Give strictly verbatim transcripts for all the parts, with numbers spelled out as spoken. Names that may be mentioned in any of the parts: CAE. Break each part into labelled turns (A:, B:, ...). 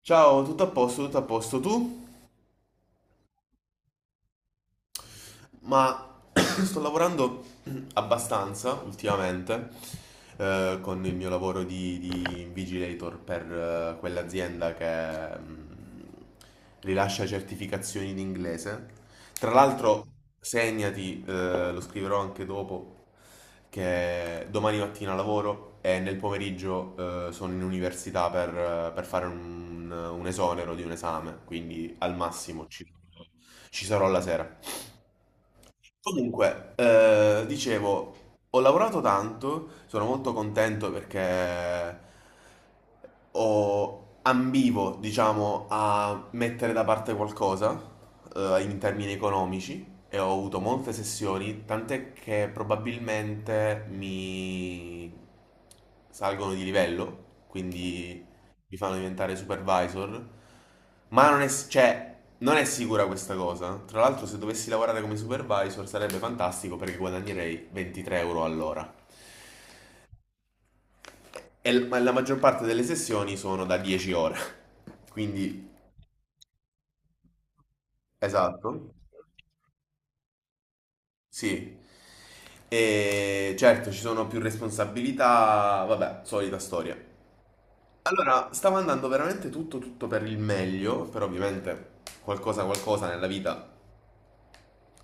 A: Ciao, tutto a posto, tutto a posto. Tu? ma sto lavorando abbastanza ultimamente eh, con il mio lavoro di, di invigilator per eh, quell'azienda che mm, rilascia certificazioni in inglese. Tra l'altro, segnati, eh, lo scriverò anche dopo, che domani mattina lavoro e nel pomeriggio eh, sono in università per, eh, per fare un, un esonero di un esame, quindi al massimo ci ci sarò la sera. Comunque, eh, dicevo, ho lavorato tanto, sono molto contento perché ho, ambivo, diciamo, a mettere da parte qualcosa, eh, in termini economici e ho avuto molte sessioni, tant'è che probabilmente mi salgono di livello, quindi li fanno diventare supervisor, ma non è, s- cioè, non è sicura questa cosa. Tra l'altro, se dovessi lavorare come supervisor sarebbe fantastico perché guadagnerei ventitré euro all'ora. E l- ma la maggior parte delle sessioni sono da dieci ore. Quindi, esatto, sì. E certo, ci sono più responsabilità, vabbè, solita storia. Allora, stava andando veramente tutto tutto per il meglio, però ovviamente qualcosa qualcosa nella vita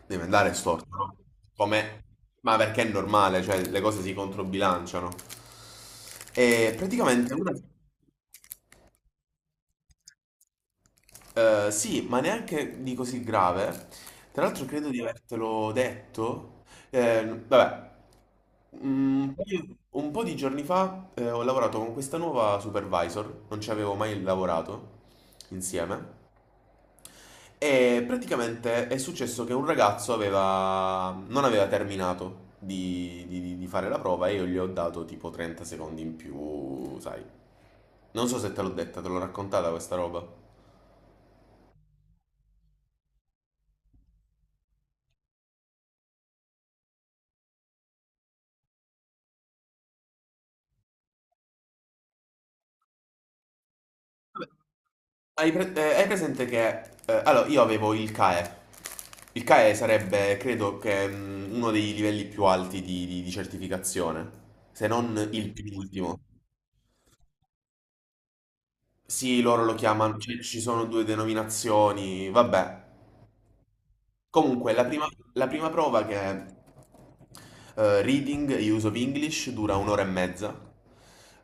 A: Devi andare storto, no? Come? Ma perché è normale, cioè le cose si controbilanciano. E praticamente una. Eh, sì, ma neanche di così grave. Tra l'altro credo di avertelo detto. Eh, vabbè, un po' di un po' di giorni fa eh, ho lavorato con questa nuova supervisor, non ci avevo mai lavorato insieme. E praticamente è successo che un ragazzo aveva, non aveva terminato di, di- di fare la prova e io gli ho dato tipo trenta secondi in più, sai. Non so se te l'ho detta, te l'ho raccontata questa roba. Hai, pre- eh, hai presente che. Eh, allora, io avevo il C A E. Il C A E sarebbe, credo che, mm, uno dei livelli più alti di, di- di certificazione, se non il penultimo. Sì, loro lo chiamano, ci ci sono due denominazioni, vabbè. Comunque, la prima, la prima prova che è eh, reading e use of English dura un'ora e mezza,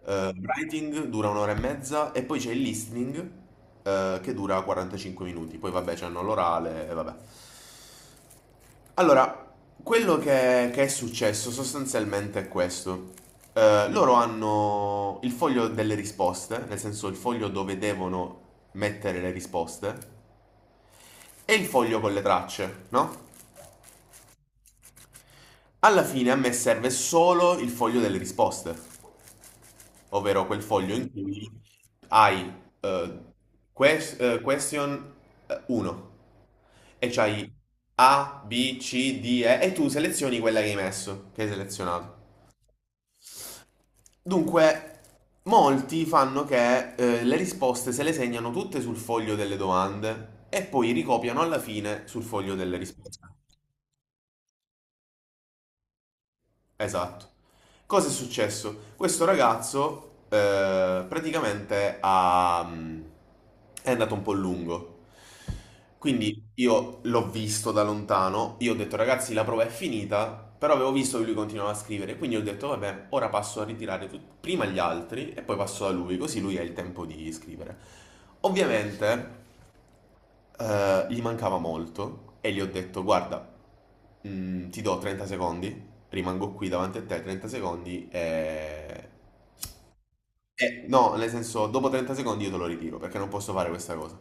A: eh, writing dura un'ora e mezza e poi c'è il listening eh, che dura quarantacinque minuti. Poi vabbè, c'hanno l'orale e vabbè. Allora, quello che, che è successo sostanzialmente è questo. Eh, loro hanno il foglio delle risposte, nel senso il foglio dove devono mettere le risposte, e il foglio con le tracce, no? Alla fine a me serve solo il foglio delle risposte, ovvero quel foglio in cui hai eh, ques- eh, question uno e c'hai A, B, C, D, E e tu selezioni quella che hai messo, che hai selezionato. Dunque, molti fanno che eh, le risposte se le segnano tutte sul foglio delle domande e poi ricopiano alla fine sul foglio delle risposte. Esatto. Cosa è successo? Questo ragazzo eh, praticamente ha, mm, è andato un po' lungo. Quindi io l'ho visto da lontano, io ho detto ragazzi la prova è finita, però avevo visto che lui continuava a scrivere, quindi ho detto vabbè, ora passo a ritirare tut- prima gli altri e poi passo da lui, così lui ha il tempo di scrivere. Ovviamente eh, gli mancava molto e gli ho detto: Guarda, mm, ti do trenta secondi, rimango qui davanti a te trenta secondi e. e- No, nel senso, dopo trenta secondi io te lo ritiro perché non posso fare questa cosa.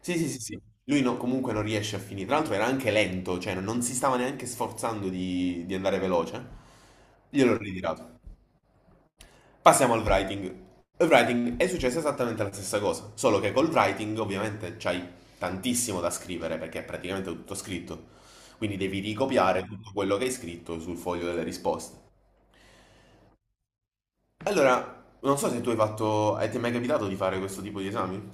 A: Sì, sì, sì, sì. Lui no- comunque non riesce a finire. Tra l'altro era anche lento, cioè non si stava neanche sforzando di, di andare veloce. Gliel'ho ritirato. Passiamo al writing. Il writing è successa esattamente la stessa cosa, solo che col writing ovviamente c'hai tantissimo da scrivere perché è praticamente tutto scritto. Quindi devi ricopiare tutto quello che hai scritto sul foglio delle risposte. Allora, non so se tu hai fatto... hai Ti è mai capitato di fare questo tipo di esami?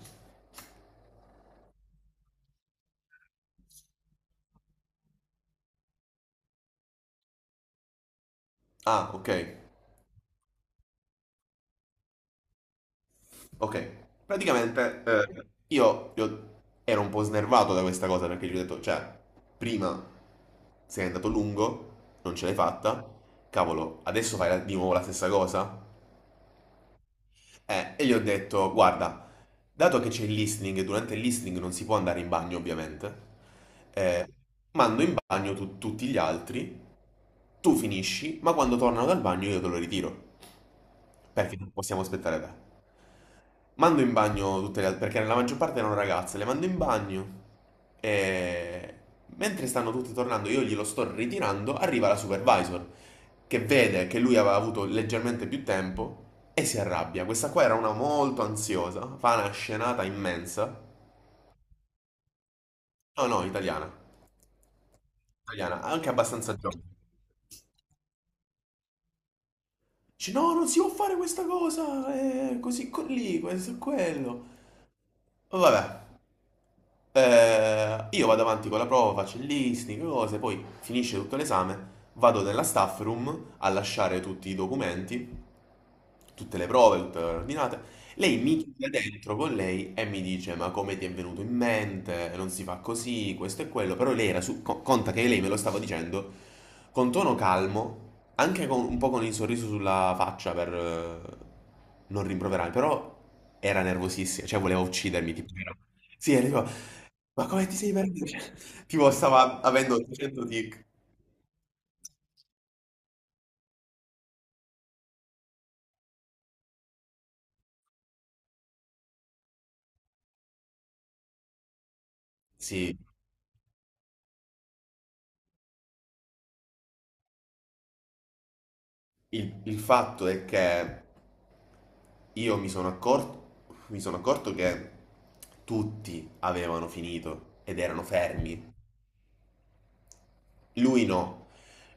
A: Ah, ok. Ok, praticamente eh, io, io ero un po' snervato da questa cosa perché gli ho detto, cioè, prima sei andato lungo, non ce l'hai fatta, cavolo, adesso fai la- di nuovo la stessa cosa? Eh, e gli ho detto, guarda, dato che c'è il listening, e durante il listening non si può andare in bagno ovviamente, eh, mando in bagno tu- tutti gli altri, tu finisci, ma quando tornano dal bagno io te lo ritiro, perché non possiamo aspettare te. Mando in bagno tutte le altre, perché la maggior parte erano ragazze, le mando in bagno e mentre stanno tutti tornando, io glielo sto ritirando, arriva la supervisor che vede che lui aveva avuto leggermente più tempo e si arrabbia. Questa qua era una molto ansiosa, fa una scenata immensa. No, no, italiana, italiana, anche abbastanza giovane. Dice, no, non si può fare questa cosa, eh, così, con lì, questo e quello. Vabbè. Eh, io vado avanti con la prova, faccio il listening, cose, poi finisce tutto l'esame, vado nella staff room a lasciare tutti i documenti, tutte le prove, tutte le ordinate. Lei mi chiude dentro con lei e mi dice: Ma come ti è venuto in mente? Non si fa così, questo e quello. Però lei era su. co- Conta che lei me lo stava dicendo con tono calmo, anche con un po' con il sorriso sulla faccia per eh, non rimproverarmi. Però era nervosissima, cioè voleva uccidermi. Tipo, era- sì, era tipo, ma come ti sei perduto? Cioè, Tipo, stava avendo ottocento tic. Sì, il, il fatto è che io mi sono accorto, mi sono accorto che tutti avevano finito ed erano fermi. Lui no.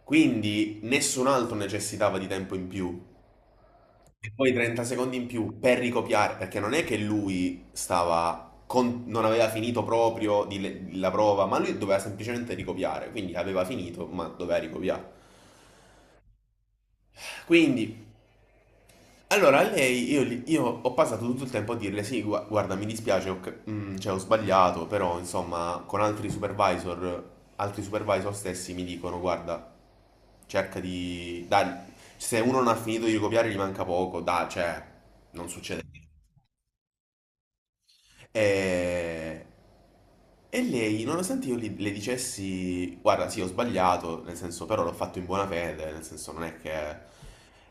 A: Quindi nessun altro necessitava di tempo in più. E poi trenta secondi in più per ricopiare, perché non è che lui stava con- non aveva finito proprio di le- la prova, ma lui doveva semplicemente ricopiare, quindi aveva finito, ma doveva ricopiare. Quindi. Allora, a lei io, gli- io ho passato tutto il tempo a dirle: Sì, gua- guarda, mi dispiace, ho, c- mm, cioè, ho sbagliato, però insomma, con altri supervisor, altri supervisor stessi mi dicono: Guarda, cerca di. Dai, se uno non ha finito di copiare, gli manca poco, dai, cioè, non succede. E, e lei, nonostante io gli- le dicessi, guarda, sì, ho sbagliato, nel senso, però l'ho fatto in buona fede, nel senso, non è che.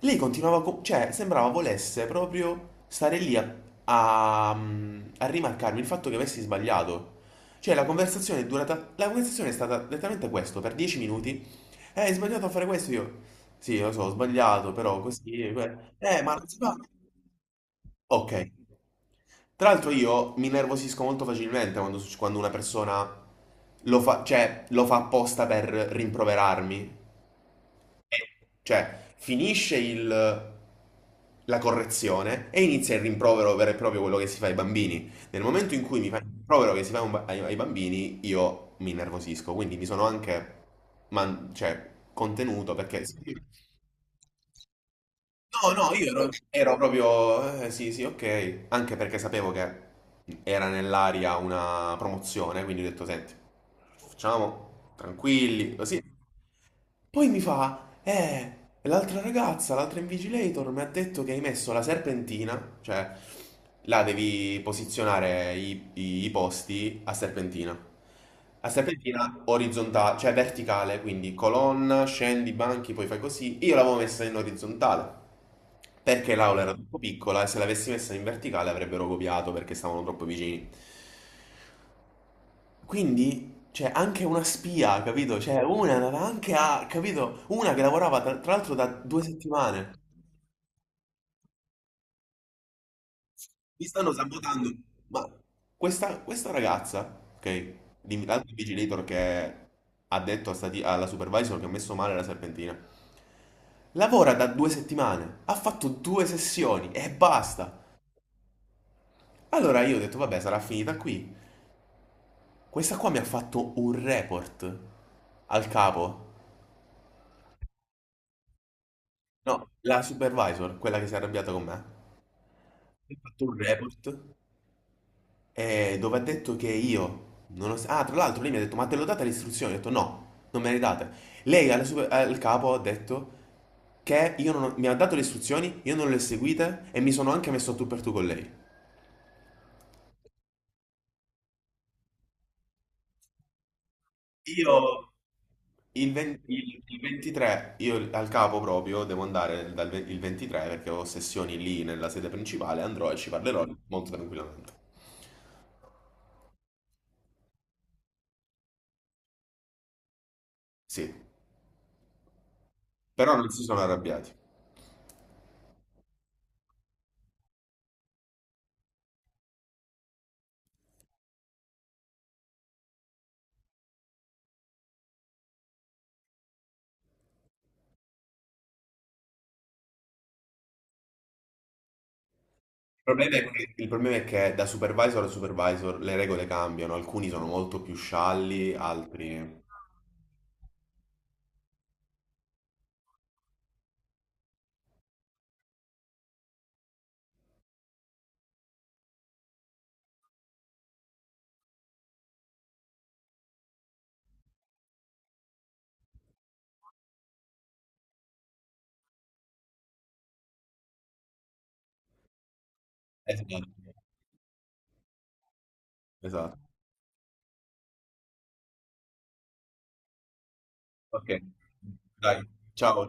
A: Lei continuava, co- cioè, sembrava volesse proprio stare lì a, a, a, rimarcarmi il fatto che avessi sbagliato. Cioè, la conversazione è durata. La conversazione è stata letteralmente questo, per dieci minuti. Eh, hai sbagliato a fare questo? Io, sì, lo so, ho sbagliato, però così. que- Eh, ma non si fa. Ok. Tra l'altro io mi nervosisco molto facilmente quando, suc- quando una persona lo fa, cioè, lo fa apposta per rimproverarmi. Cioè, finisce il- la correzione e inizia il rimprovero vero e proprio quello che si fa ai bambini. Nel momento in cui mi fa il rimprovero che si fa un ba- ai, ai bambini, io mi nervosisco. Quindi mi sono anche man- cioè, contenuto perché. No, no, io ero, ero proprio. Eh, sì, sì, ok. Anche perché sapevo che era nell'aria una promozione, quindi ho detto, senti, facciamo tranquilli, così. Poi mi fa, eh, l'altra ragazza, l'altra Invigilator mi ha detto che hai messo la serpentina, cioè là devi posizionare i, i- i posti a serpentina. A serpentina orizzontale, cioè verticale, quindi colonna, scendi, banchi, poi fai così. Io l'avevo messa in orizzontale. Perché l'aula era troppo piccola e se l'avessi messa in verticale avrebbero copiato perché stavano troppo vicini. Quindi c'è anche una spia, capito? Cioè, una andava anche a, capito? Una che lavorava tra, tra l'altro da due settimane. Mi stanno sabotando. Ma questa, questa ragazza, ok? di- L'altro vigilator che ha detto a sta ti- alla supervisor che ha messo male la serpentina. Lavora da due settimane, ha fatto due sessioni e basta. Allora io ho detto, vabbè, sarà finita qui. Questa qua mi ha fatto un report al capo. No, la supervisor, quella che si è arrabbiata con me. Ha fatto un report. Eh, dove ha detto che io non ho. Ah, tra l'altro lei mi ha detto, ma te l'ho data le istruzioni? Ho detto no, non me le hai date. Lei alla super- al capo ha detto che io non ho- mi ha dato le istruzioni, io non le ho seguite e mi sono anche messo a tu per tu con lei. Io, Il, ven- il- il ventitré, io al capo proprio devo andare dal ve- il ventitré perché ho sessioni lì nella sede principale, andrò e ci parlerò molto tranquillamente. Sì, però non si sono arrabbiati. Il problema è che il problema è che da supervisor a supervisor le regole cambiano, alcuni sono molto più scialli, altri. Esatto, esatto. Ok, dai, ciao.